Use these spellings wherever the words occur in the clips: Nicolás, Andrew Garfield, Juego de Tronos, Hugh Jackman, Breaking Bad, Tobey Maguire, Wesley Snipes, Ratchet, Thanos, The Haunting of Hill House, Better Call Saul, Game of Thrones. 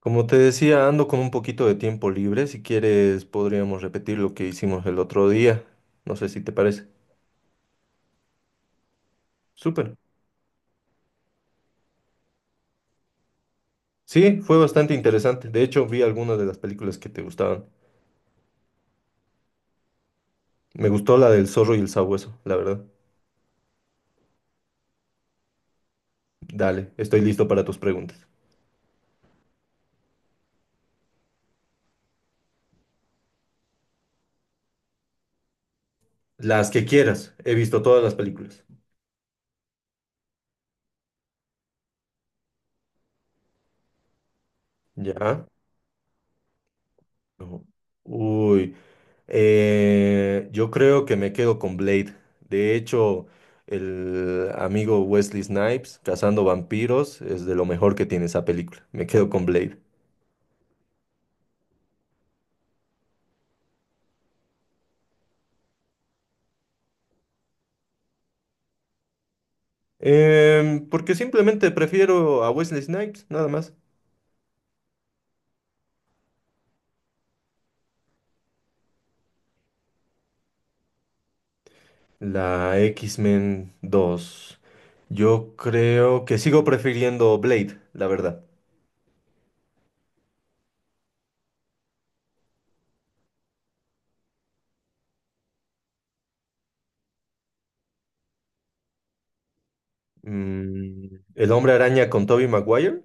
Como te decía, ando con un poquito de tiempo libre. Si quieres, podríamos repetir lo que hicimos el otro día. No sé si te parece. Súper. Sí, fue bastante interesante. De hecho, vi algunas de las películas que te gustaban. Me gustó la del zorro y el sabueso, la verdad. Dale, estoy listo para tus preguntas. Las que quieras. He visto todas las películas. ¿Ya? No. Uy, yo creo que me quedo con Blade. De hecho, el amigo Wesley Snipes, Cazando Vampiros, es de lo mejor que tiene esa película. Me quedo con Blade. Porque simplemente prefiero a Wesley Snipes, nada más. La X-Men 2. Yo creo que sigo prefiriendo Blade, la verdad. El Hombre Araña con Tobey Maguire.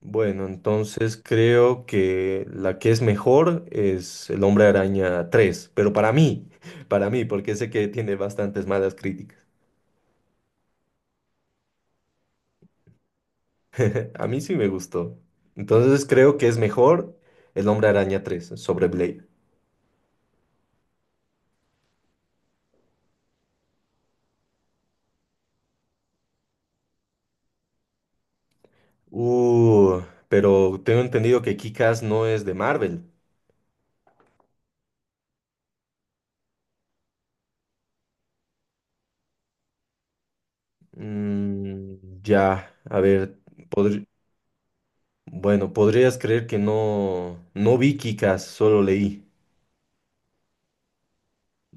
Bueno, entonces creo que la que es mejor es El Hombre Araña 3, pero para mí, para mí, porque sé que tiene bastantes malas críticas. A mí sí me gustó. Entonces creo que es mejor El Hombre Araña tres sobre Blade. Uh, pero tengo entendido que Kick-Ass no es de Marvel. Ya, a ver, podr- bueno, podrías creer que no, no vi Kick-Ass, solo leí.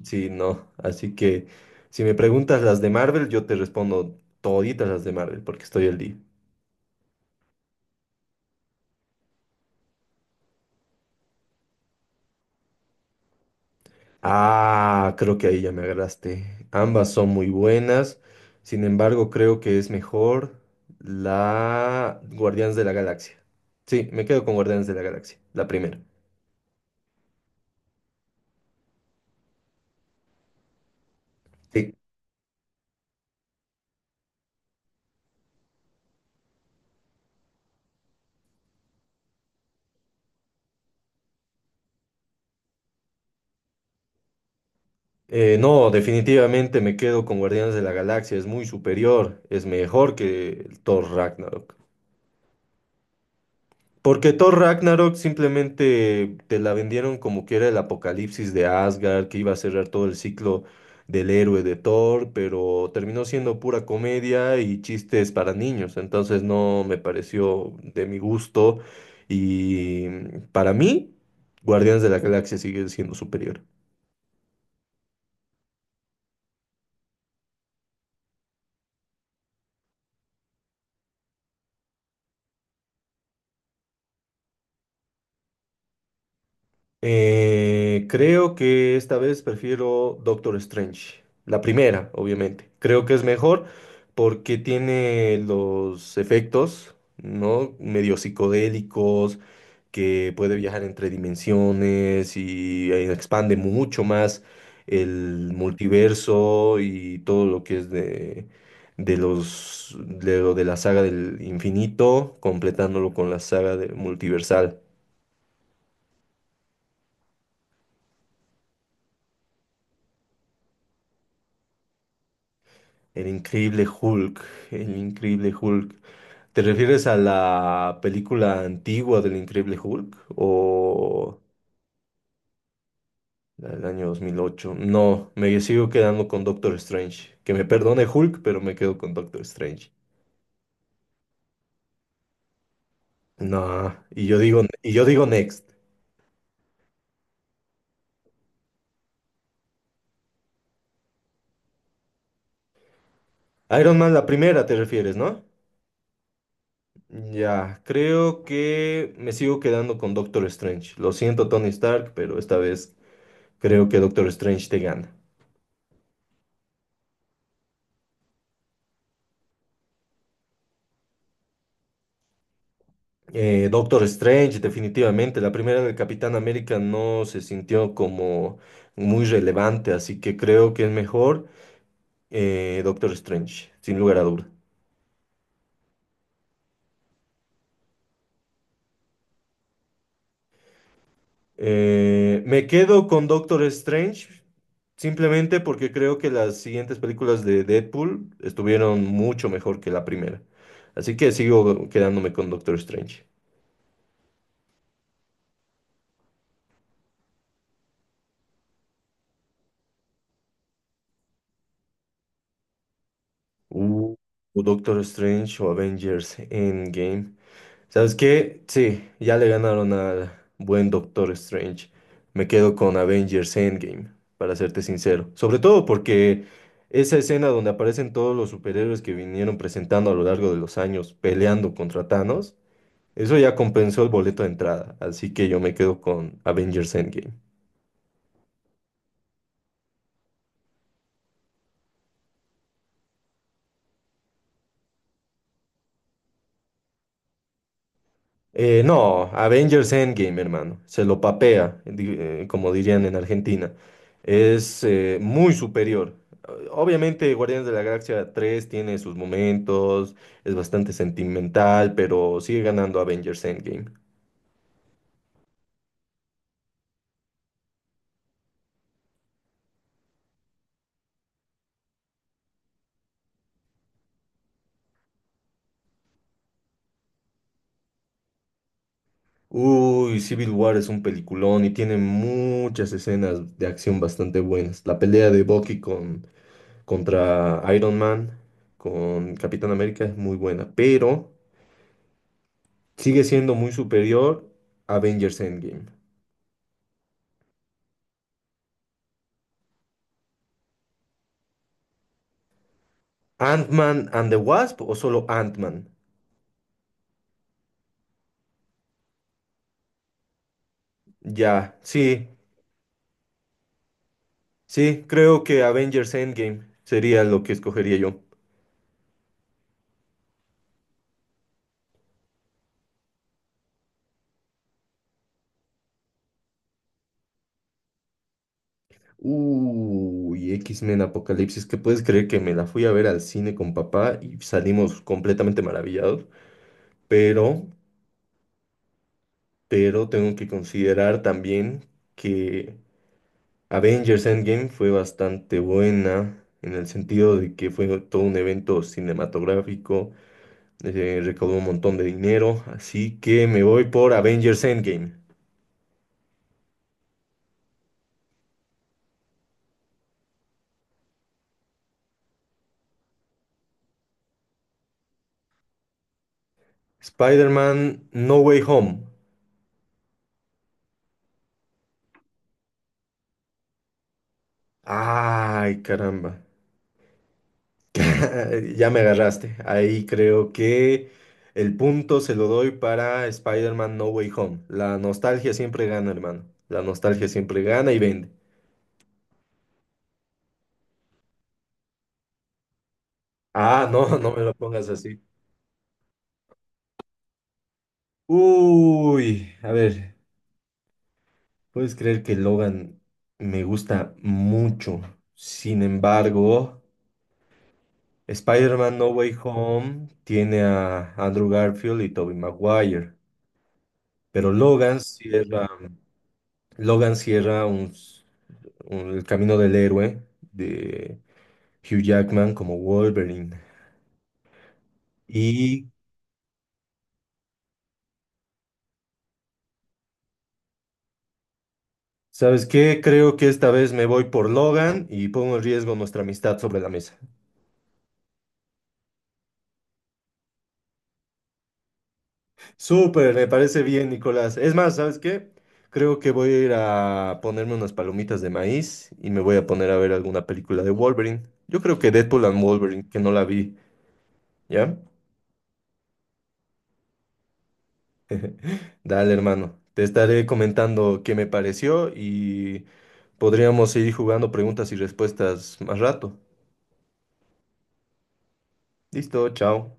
Sí, no. Así que si me preguntas las de Marvel, yo te respondo toditas las de Marvel porque estoy al día. Ah, creo que ahí ya me agarraste. Ambas son muy buenas. Sin embargo, creo que es mejor la Guardianes de la Galaxia. Sí, me quedo con Guardianes de la Galaxia, la primera. Sí. No, definitivamente me quedo con Guardianes de la Galaxia. Es muy superior, es mejor que el Thor Ragnarok. Porque Thor Ragnarok simplemente te la vendieron como que era el apocalipsis de Asgard, que iba a cerrar todo el ciclo del héroe de Thor, pero terminó siendo pura comedia y chistes para niños. Entonces no me pareció de mi gusto. Y para mí, Guardianes de la Galaxia sigue siendo superior. Creo que esta vez prefiero Doctor Strange. La primera, obviamente. Creo que es mejor porque tiene los efectos, ¿no? Medio psicodélicos, que puede viajar entre dimensiones y expande mucho más el multiverso y todo lo que es de los, de lo de la saga del infinito, completándolo con la saga del multiversal. El increíble Hulk, el increíble Hulk. ¿Te refieres a la película antigua del increíble Hulk o la del año 2008? No, me sigo quedando con Doctor Strange. Que me perdone Hulk, pero me quedo con Doctor Strange. No, y yo digo Next. Iron Man, la primera te refieres, ¿no? Ya, creo que me sigo quedando con Doctor Strange. Lo siento, Tony Stark, pero esta vez creo que Doctor Strange te gana. Doctor Strange, definitivamente. La primera del Capitán América no se sintió como muy relevante, así que creo que es mejor Doctor Strange, sin lugar a duda. Me quedo con Doctor Strange simplemente porque creo que las siguientes películas de Deadpool estuvieron mucho mejor que la primera. Así que sigo quedándome con Doctor Strange. Uh, o Doctor Strange o Avengers Endgame. ¿Sabes qué? Sí, ya le ganaron al buen Doctor Strange. Me quedo con Avengers Endgame, para serte sincero. Sobre todo porque esa escena donde aparecen todos los superhéroes que vinieron presentando a lo largo de los años peleando contra Thanos, eso ya compensó el boleto de entrada. Así que yo me quedo con Avengers Endgame. No, Avengers Endgame, hermano. Se lo papea, como dirían en Argentina. Es muy superior. Obviamente, Guardianes de la Galaxia 3 tiene sus momentos, es bastante sentimental, pero sigue ganando Avengers Endgame. Uy, Civil War es un peliculón y tiene muchas escenas de acción bastante buenas. La pelea de Bucky con, contra Iron Man, con Capitán América es muy buena, pero sigue siendo muy superior a Avengers Endgame. Ant-Man and the Wasp o solo Ant-Man. Ya, sí, sí, creo que Avengers Endgame sería lo que escogería yo. Uy, X-Men Apocalipsis, que puedes creer que me la fui a ver al cine con papá y salimos completamente maravillados, pero, pero tengo que considerar también que Avengers Endgame fue bastante buena en el sentido de que fue todo un evento cinematográfico recaudó un montón de dinero, así que me voy por Avengers Endgame. Spider-Man No Way Home. Ay, caramba. Ya me agarraste. Ahí creo que el punto se lo doy para Spider-Man No Way Home. La nostalgia siempre gana, hermano. La nostalgia siempre gana y vende. Ah, no, no me lo pongas así. Uy, a ver, ¿puedes creer que Logan me gusta mucho? Sin embargo... Spider-Man No Way Home tiene a Andrew Garfield y Tobey Maguire, pero Logan cierra el camino del héroe de Hugh Jackman como Wolverine. Y, ¿Sabes qué? Creo que esta vez me voy por Logan y pongo en riesgo nuestra amistad sobre la mesa. Súper, me parece bien, Nicolás. Es más, ¿sabes qué? Creo que voy a ir a ponerme unas palomitas de maíz y me voy a poner a ver alguna película de Wolverine. Yo creo que Deadpool and Wolverine, que no la vi, ¿ya? Dale, hermano. Te estaré comentando qué me pareció y podríamos seguir jugando preguntas y respuestas más rato. Listo, chao.